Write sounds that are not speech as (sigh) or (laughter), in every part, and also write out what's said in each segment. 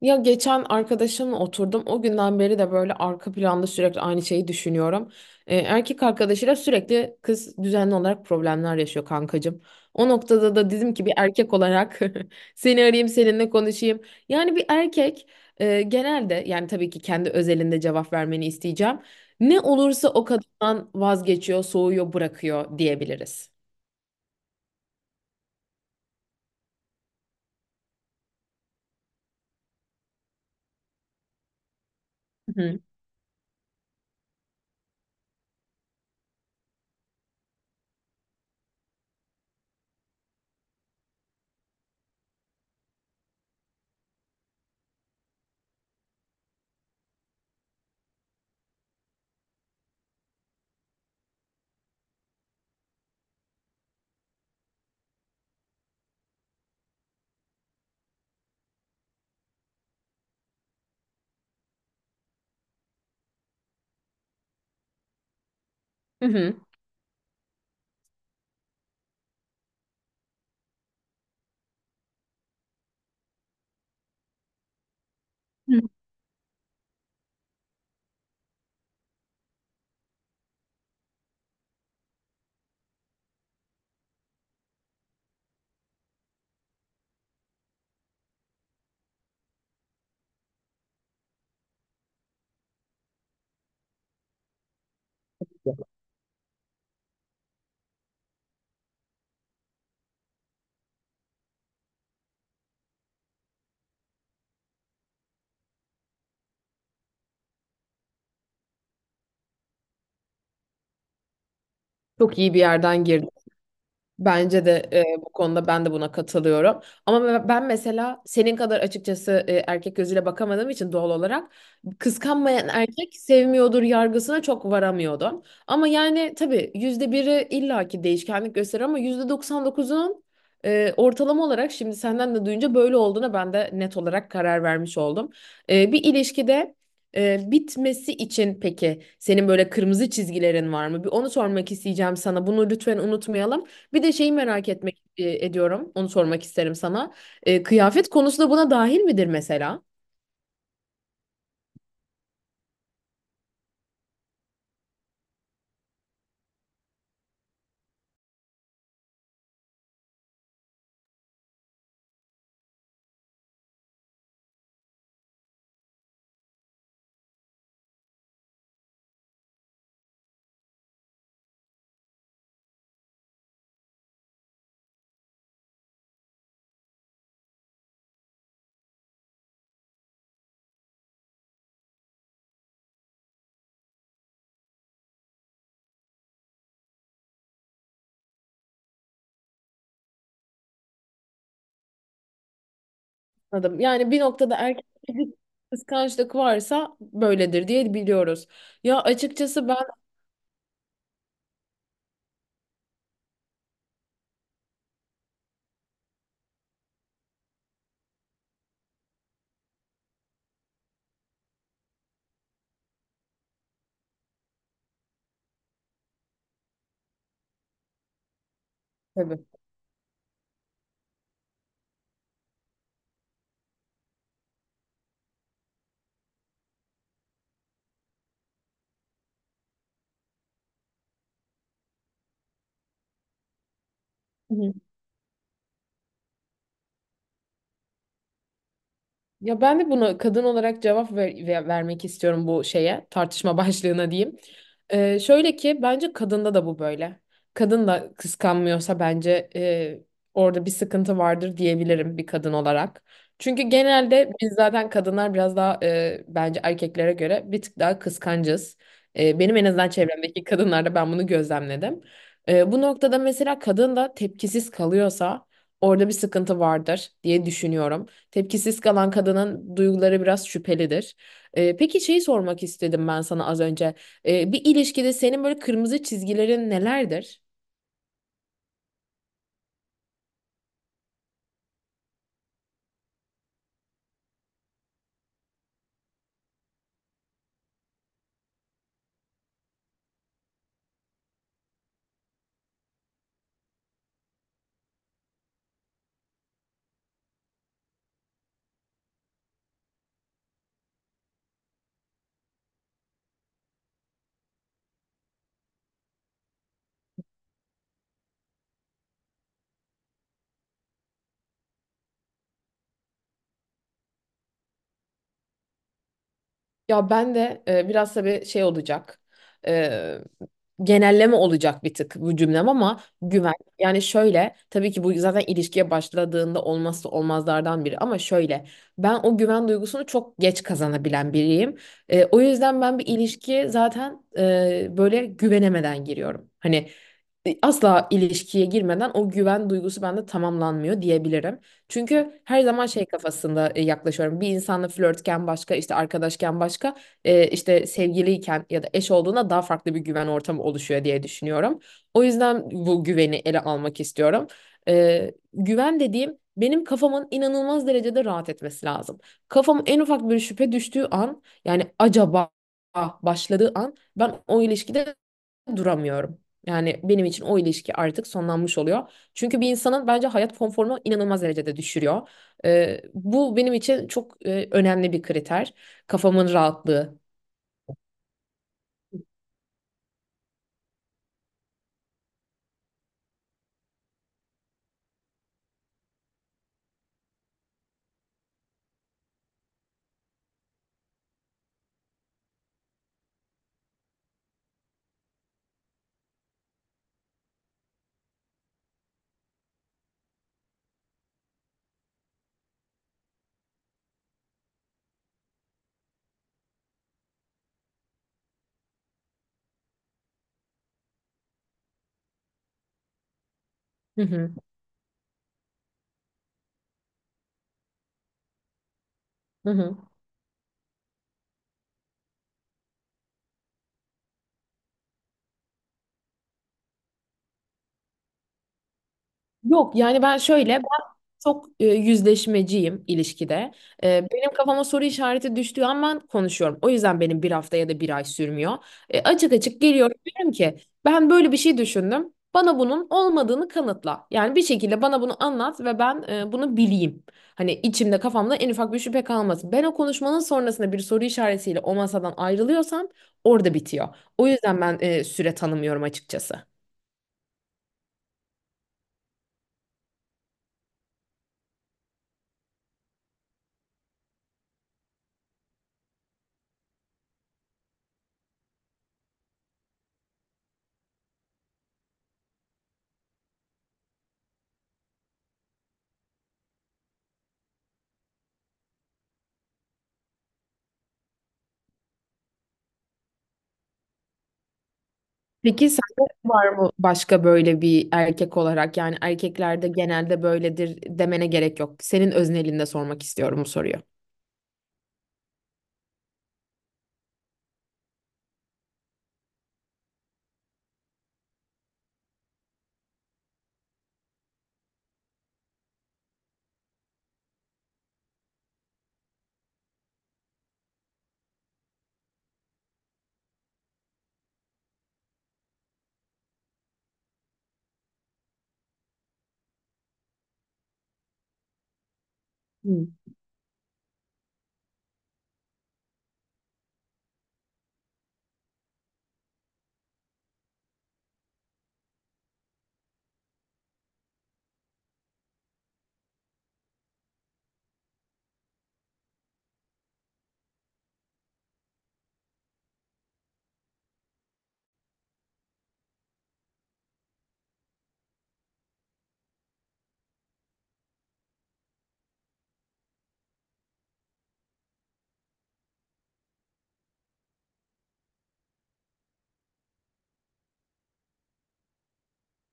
Ya geçen arkadaşımla oturdum. O günden beri de böyle arka planda sürekli aynı şeyi düşünüyorum. Erkek arkadaşıyla sürekli kız düzenli olarak problemler yaşıyor kankacığım. O noktada da dedim ki bir erkek olarak (laughs) seni arayayım seninle konuşayım. Yani bir erkek genelde yani tabii ki kendi özelinde cevap vermeni isteyeceğim. Ne olursa o kadından vazgeçiyor, soğuyor, bırakıyor diyebiliriz. Hı hı. Hı. Çok iyi bir yerden girdi. Bence de bu konuda ben de buna katılıyorum. Ama ben mesela senin kadar açıkçası erkek gözüyle bakamadığım için doğal olarak kıskanmayan erkek sevmiyordur yargısına çok varamıyordum. Ama yani tabii yüzde biri illaki değişkenlik gösterir ama yüzde 99'un ortalama olarak şimdi senden de duyunca böyle olduğuna ben de net olarak karar vermiş oldum. Bir ilişkide bitmesi için peki senin böyle kırmızı çizgilerin var mı? Bir onu sormak isteyeceğim sana. Bunu lütfen unutmayalım. Bir de şeyi merak etmek ediyorum. Onu sormak isterim sana. Kıyafet konusu da buna dahil midir mesela? Anladım. Yani bir noktada erkek bir kıskançlık varsa böyledir diye biliyoruz. Ya açıkçası ben tabii. Hı. Ya ben de buna kadın olarak cevap vermek istiyorum bu şeye, tartışma (laughs) başlığına diyeyim. Şöyle ki bence kadında da bu böyle. Kadın da kıskanmıyorsa bence orada bir sıkıntı vardır diyebilirim bir kadın olarak. Çünkü genelde biz zaten kadınlar biraz daha bence erkeklere göre bir tık daha kıskancız. Benim en azından çevremdeki kadınlarda ben bunu gözlemledim. Bu noktada mesela kadın da tepkisiz kalıyorsa orada bir sıkıntı vardır diye düşünüyorum. Tepkisiz kalan kadının duyguları biraz şüphelidir. Peki şeyi sormak istedim ben sana az önce. Bir ilişkide senin böyle kırmızı çizgilerin nelerdir? Ya ben de biraz tabii şey olacak. e, Genelleme olacak bir tık bu cümlem ama güven. Yani şöyle tabii ki bu zaten ilişkiye başladığında olmazsa olmazlardan biri ama şöyle ben o güven duygusunu çok geç kazanabilen biriyim. O yüzden ben bir ilişkiye zaten böyle güvenemeden giriyorum. Hani asla ilişkiye girmeden o güven duygusu bende tamamlanmıyor diyebilirim. Çünkü her zaman şey kafasında yaklaşıyorum. Bir insanla flörtken başka, işte arkadaşken başka, işte sevgiliyken ya da eş olduğunda daha farklı bir güven ortamı oluşuyor diye düşünüyorum. O yüzden bu güveni ele almak istiyorum. Güven dediğim benim kafamın inanılmaz derecede rahat etmesi lazım. Kafam en ufak bir şüphe düştüğü an yani acaba başladığı an ben o ilişkide duramıyorum. Yani benim için o ilişki artık sonlanmış oluyor. Çünkü bir insanın bence hayat konforunu inanılmaz derecede düşürüyor. Bu benim için çok önemli bir kriter. Kafamın rahatlığı. Hı hı. Hı hı. Yok yani ben şöyle çok yüzleşmeciyim ilişkide. Benim kafama soru işareti düştüğü an ben konuşuyorum. O yüzden benim bir hafta ya da bir ay sürmüyor. Açık açık geliyorum diyorum ki ben böyle bir şey düşündüm. Bana bunun olmadığını kanıtla. Yani bir şekilde bana bunu anlat ve ben bunu bileyim. Hani içimde kafamda en ufak bir şüphe kalmasın. Ben o konuşmanın sonrasında bir soru işaretiyle o masadan ayrılıyorsam orada bitiyor. O yüzden ben süre tanımıyorum açıkçası. Peki sende var mı başka böyle bir erkek olarak yani erkeklerde genelde böyledir demene gerek yok. Senin öznelinde sormak istiyorum bu soruyu. Hı,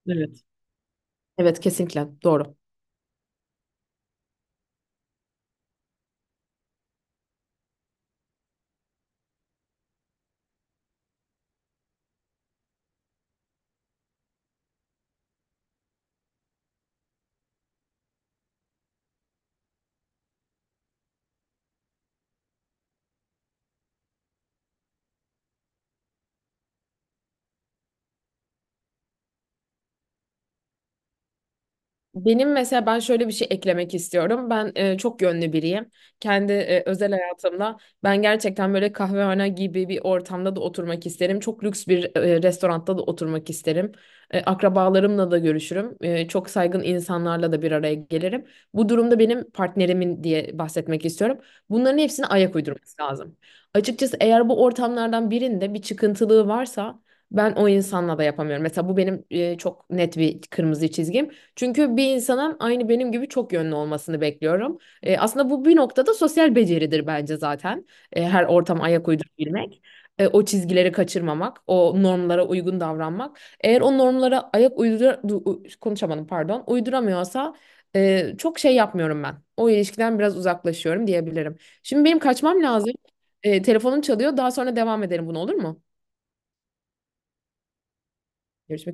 evet. Evet, kesinlikle doğru. Benim mesela ben şöyle bir şey eklemek istiyorum. Ben çok yönlü biriyim. Kendi özel hayatımda ben gerçekten böyle kahvehane gibi bir ortamda da oturmak isterim. Çok lüks bir restoranda da oturmak isterim. Akrabalarımla da görüşürüm. Çok saygın insanlarla da bir araya gelirim. Bu durumda benim partnerimin diye bahsetmek istiyorum. Bunların hepsine ayak uydurması lazım. Açıkçası eğer bu ortamlardan birinde bir çıkıntılığı varsa ben o insanla da yapamıyorum. Mesela bu benim çok net bir kırmızı çizgim. Çünkü bir insanın aynı benim gibi çok yönlü olmasını bekliyorum. Aslında bu bir noktada sosyal beceridir bence zaten. Her ortama ayak uydurabilmek. O çizgileri kaçırmamak, o normlara uygun davranmak. Eğer o normlara ayak uydura konuşamadım, pardon, uyduramıyorsa çok şey yapmıyorum ben. O ilişkiden biraz uzaklaşıyorum diyebilirim. Şimdi benim kaçmam lazım. Telefonum çalıyor. Daha sonra devam edelim bunu, olur mu? Görüşmek